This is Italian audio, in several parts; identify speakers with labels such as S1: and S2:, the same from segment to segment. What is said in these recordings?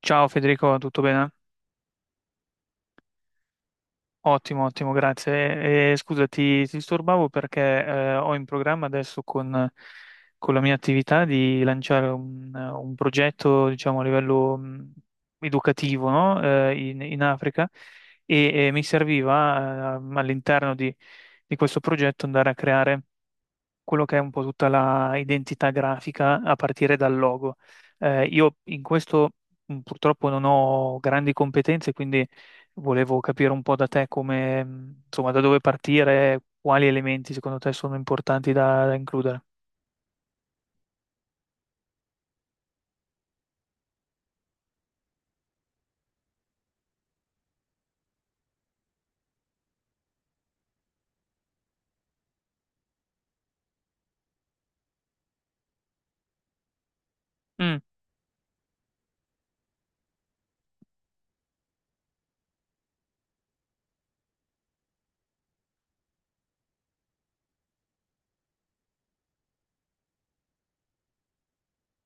S1: Ciao Federico, tutto bene? Ottimo, ottimo, grazie. E, scusa, ti disturbavo perché ho in programma adesso con la mia attività di lanciare un progetto, diciamo, a livello educativo, no? In Africa e mi serviva all'interno di questo progetto andare a creare quello che è un po' tutta la identità grafica a partire dal logo. Io in questo purtroppo non ho grandi competenze, quindi volevo capire un po' da te come, insomma, da dove partire, quali elementi secondo te sono importanti da includere. Mm,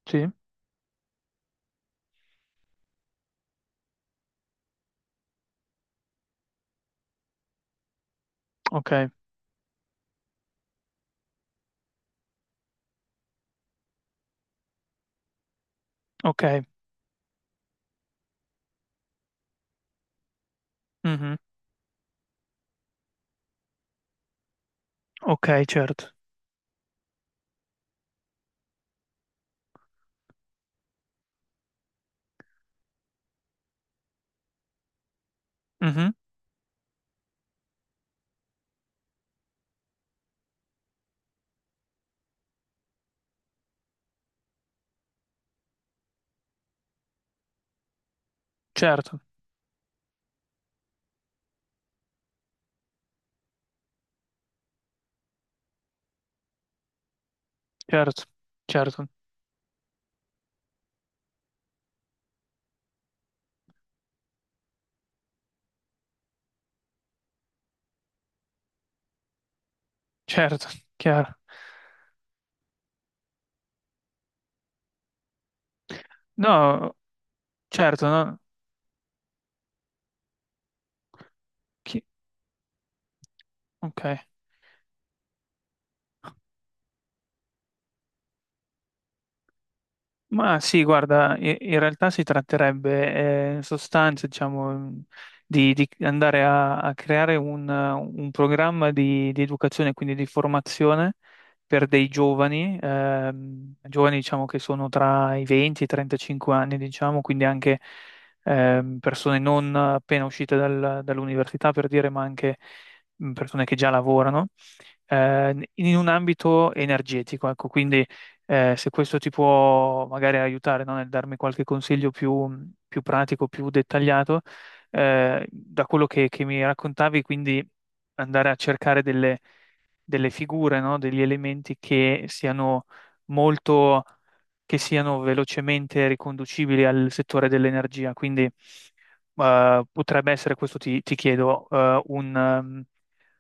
S1: sì, ok, ok, mhm, ok, certo, mhm, certo, certo, certo, certo, chiaro. No, certo, no, chi- ok. Ma sì, guarda, in realtà si tratterebbe in sostanza, diciamo, di andare a creare un programma di educazione, quindi di formazione per dei giovani, giovani diciamo che sono tra i 20 e i 35 anni, diciamo, quindi anche persone non appena uscite dall'università, per dire, ma anche persone che già lavorano, in un ambito energetico, ecco, quindi se questo ti può magari aiutare, no, nel darmi qualche consiglio più pratico, più dettagliato, da quello che mi raccontavi, quindi andare a cercare delle figure, no, degli elementi che siano molto, che siano velocemente riconducibili al settore dell'energia. Quindi, potrebbe essere, questo ti chiedo,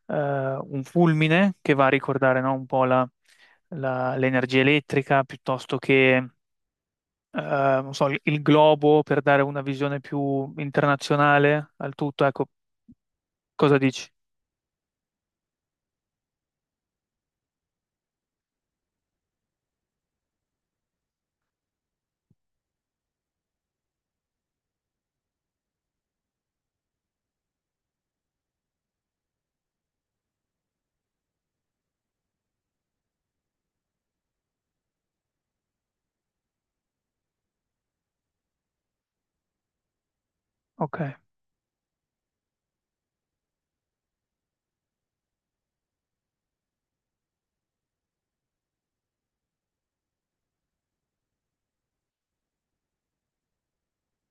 S1: eh, un fulmine che va a ricordare, no, un po' l'energia elettrica piuttosto che, non so, il globo per dare una visione più internazionale al tutto. Ecco, cosa dici? Ok,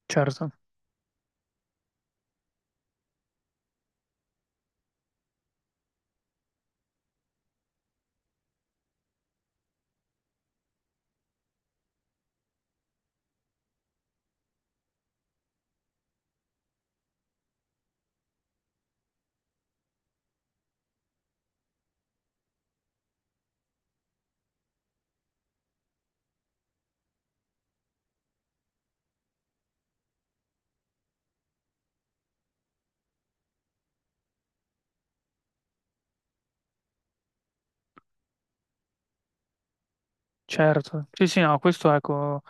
S1: certo. Certo, sì, sì, no, questo ecco,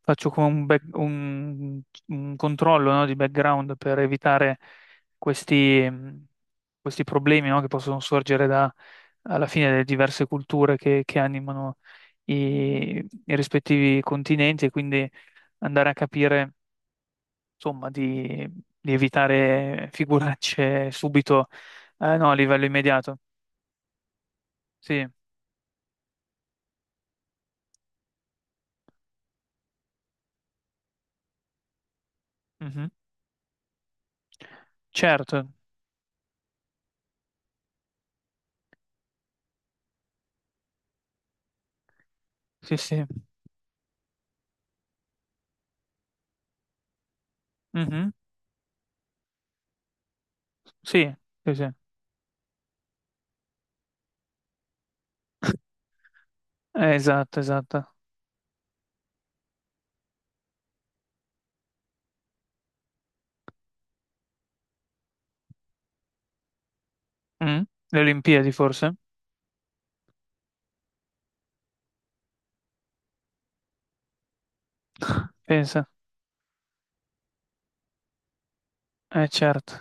S1: faccio come un controllo, no, di background per evitare questi, questi problemi, no, che possono sorgere da, alla fine delle diverse culture che animano i rispettivi continenti e quindi andare a capire, insomma, di evitare figuracce subito, no, a livello immediato. Sì, mhm. Certo, sì, sì. Mhm. Sì, sì, sì. Esatto, esatto. Mm? Le Olimpiadi forse? Pensa. Eh certo.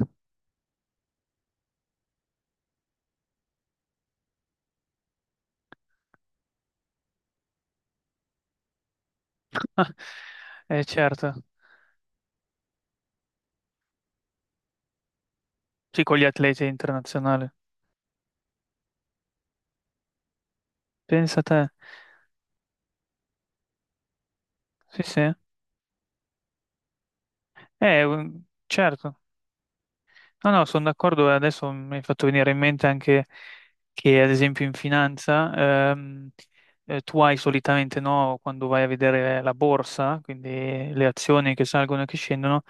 S1: Eh certo. Sì, con gli atleti internazionali. Pensa a te. Sì, sì. Eh, un- certo. No, no, sono d'accordo. E adesso mi hai fatto venire in mente anche che, ad esempio, in finanza, tu hai solitamente, no, quando vai a vedere la borsa, quindi le azioni che salgono e che scendono,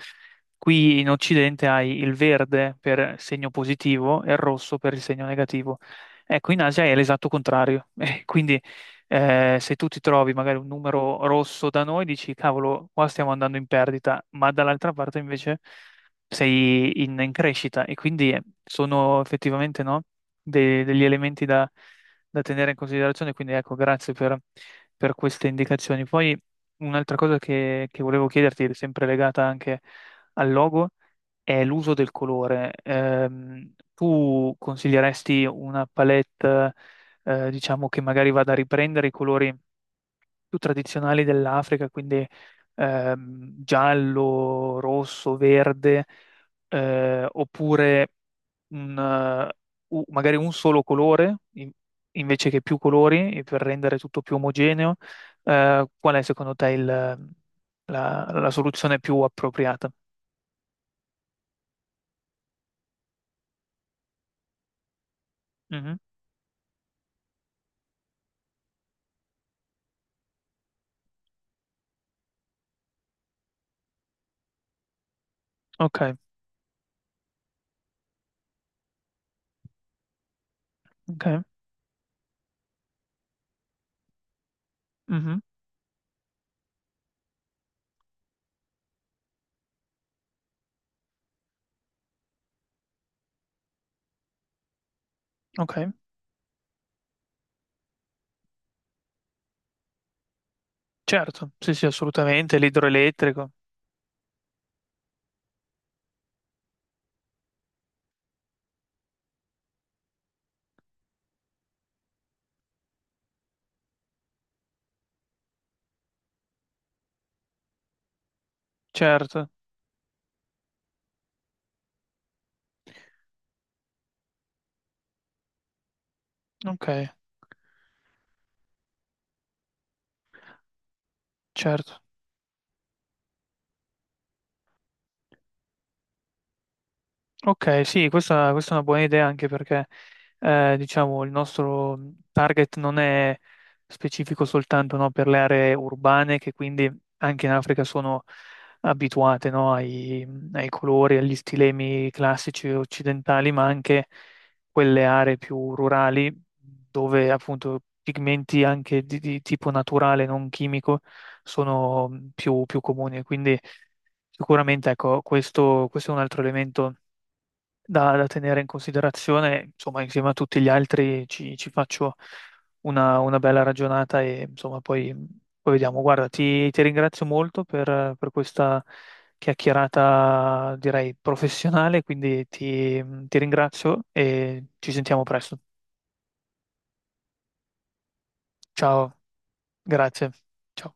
S1: qui in Occidente hai il verde per segno positivo e il rosso per il segno negativo. Ecco, in Asia è l'esatto contrario. Quindi, se tu ti trovi magari un numero rosso da noi, dici, cavolo, qua stiamo andando in perdita, ma dall'altra parte invece sei in crescita e quindi sono effettivamente no, degli elementi da, da tenere in considerazione. Quindi ecco, grazie per queste indicazioni. Poi un'altra cosa che volevo chiederti, sempre legata anche al logo, è l'uso del colore. Tu consiglieresti una palette, diciamo, che magari vada a riprendere i colori più tradizionali dell'Africa, quindi giallo, rosso, verde, oppure un, eh, magari un solo colore invece che più colori e per rendere tutto più omogeneo. Qual è secondo te la soluzione più appropriata? Mhm. Ok, ok, mhm, ok, certo, sì, sì, assolutamente, l'idroelettrico, certo, ok, certo. Ok, sì, questa è una buona idea anche perché diciamo il nostro target non è specifico soltanto no, per le aree urbane che quindi anche in Africa sono abituate no, ai colori, agli stilemi classici occidentali, ma anche quelle aree più rurali dove appunto pigmenti anche di tipo naturale, non chimico, sono più comuni. Quindi sicuramente ecco, questo questo è un altro elemento da, da tenere in considerazione, insomma, insieme a tutti gli altri ci faccio una bella ragionata e insomma poi, poi vediamo. Guarda, ti ringrazio molto per questa chiacchierata, direi, professionale, quindi ti ti ringrazio e ci sentiamo presto. Ciao, grazie. Ciao.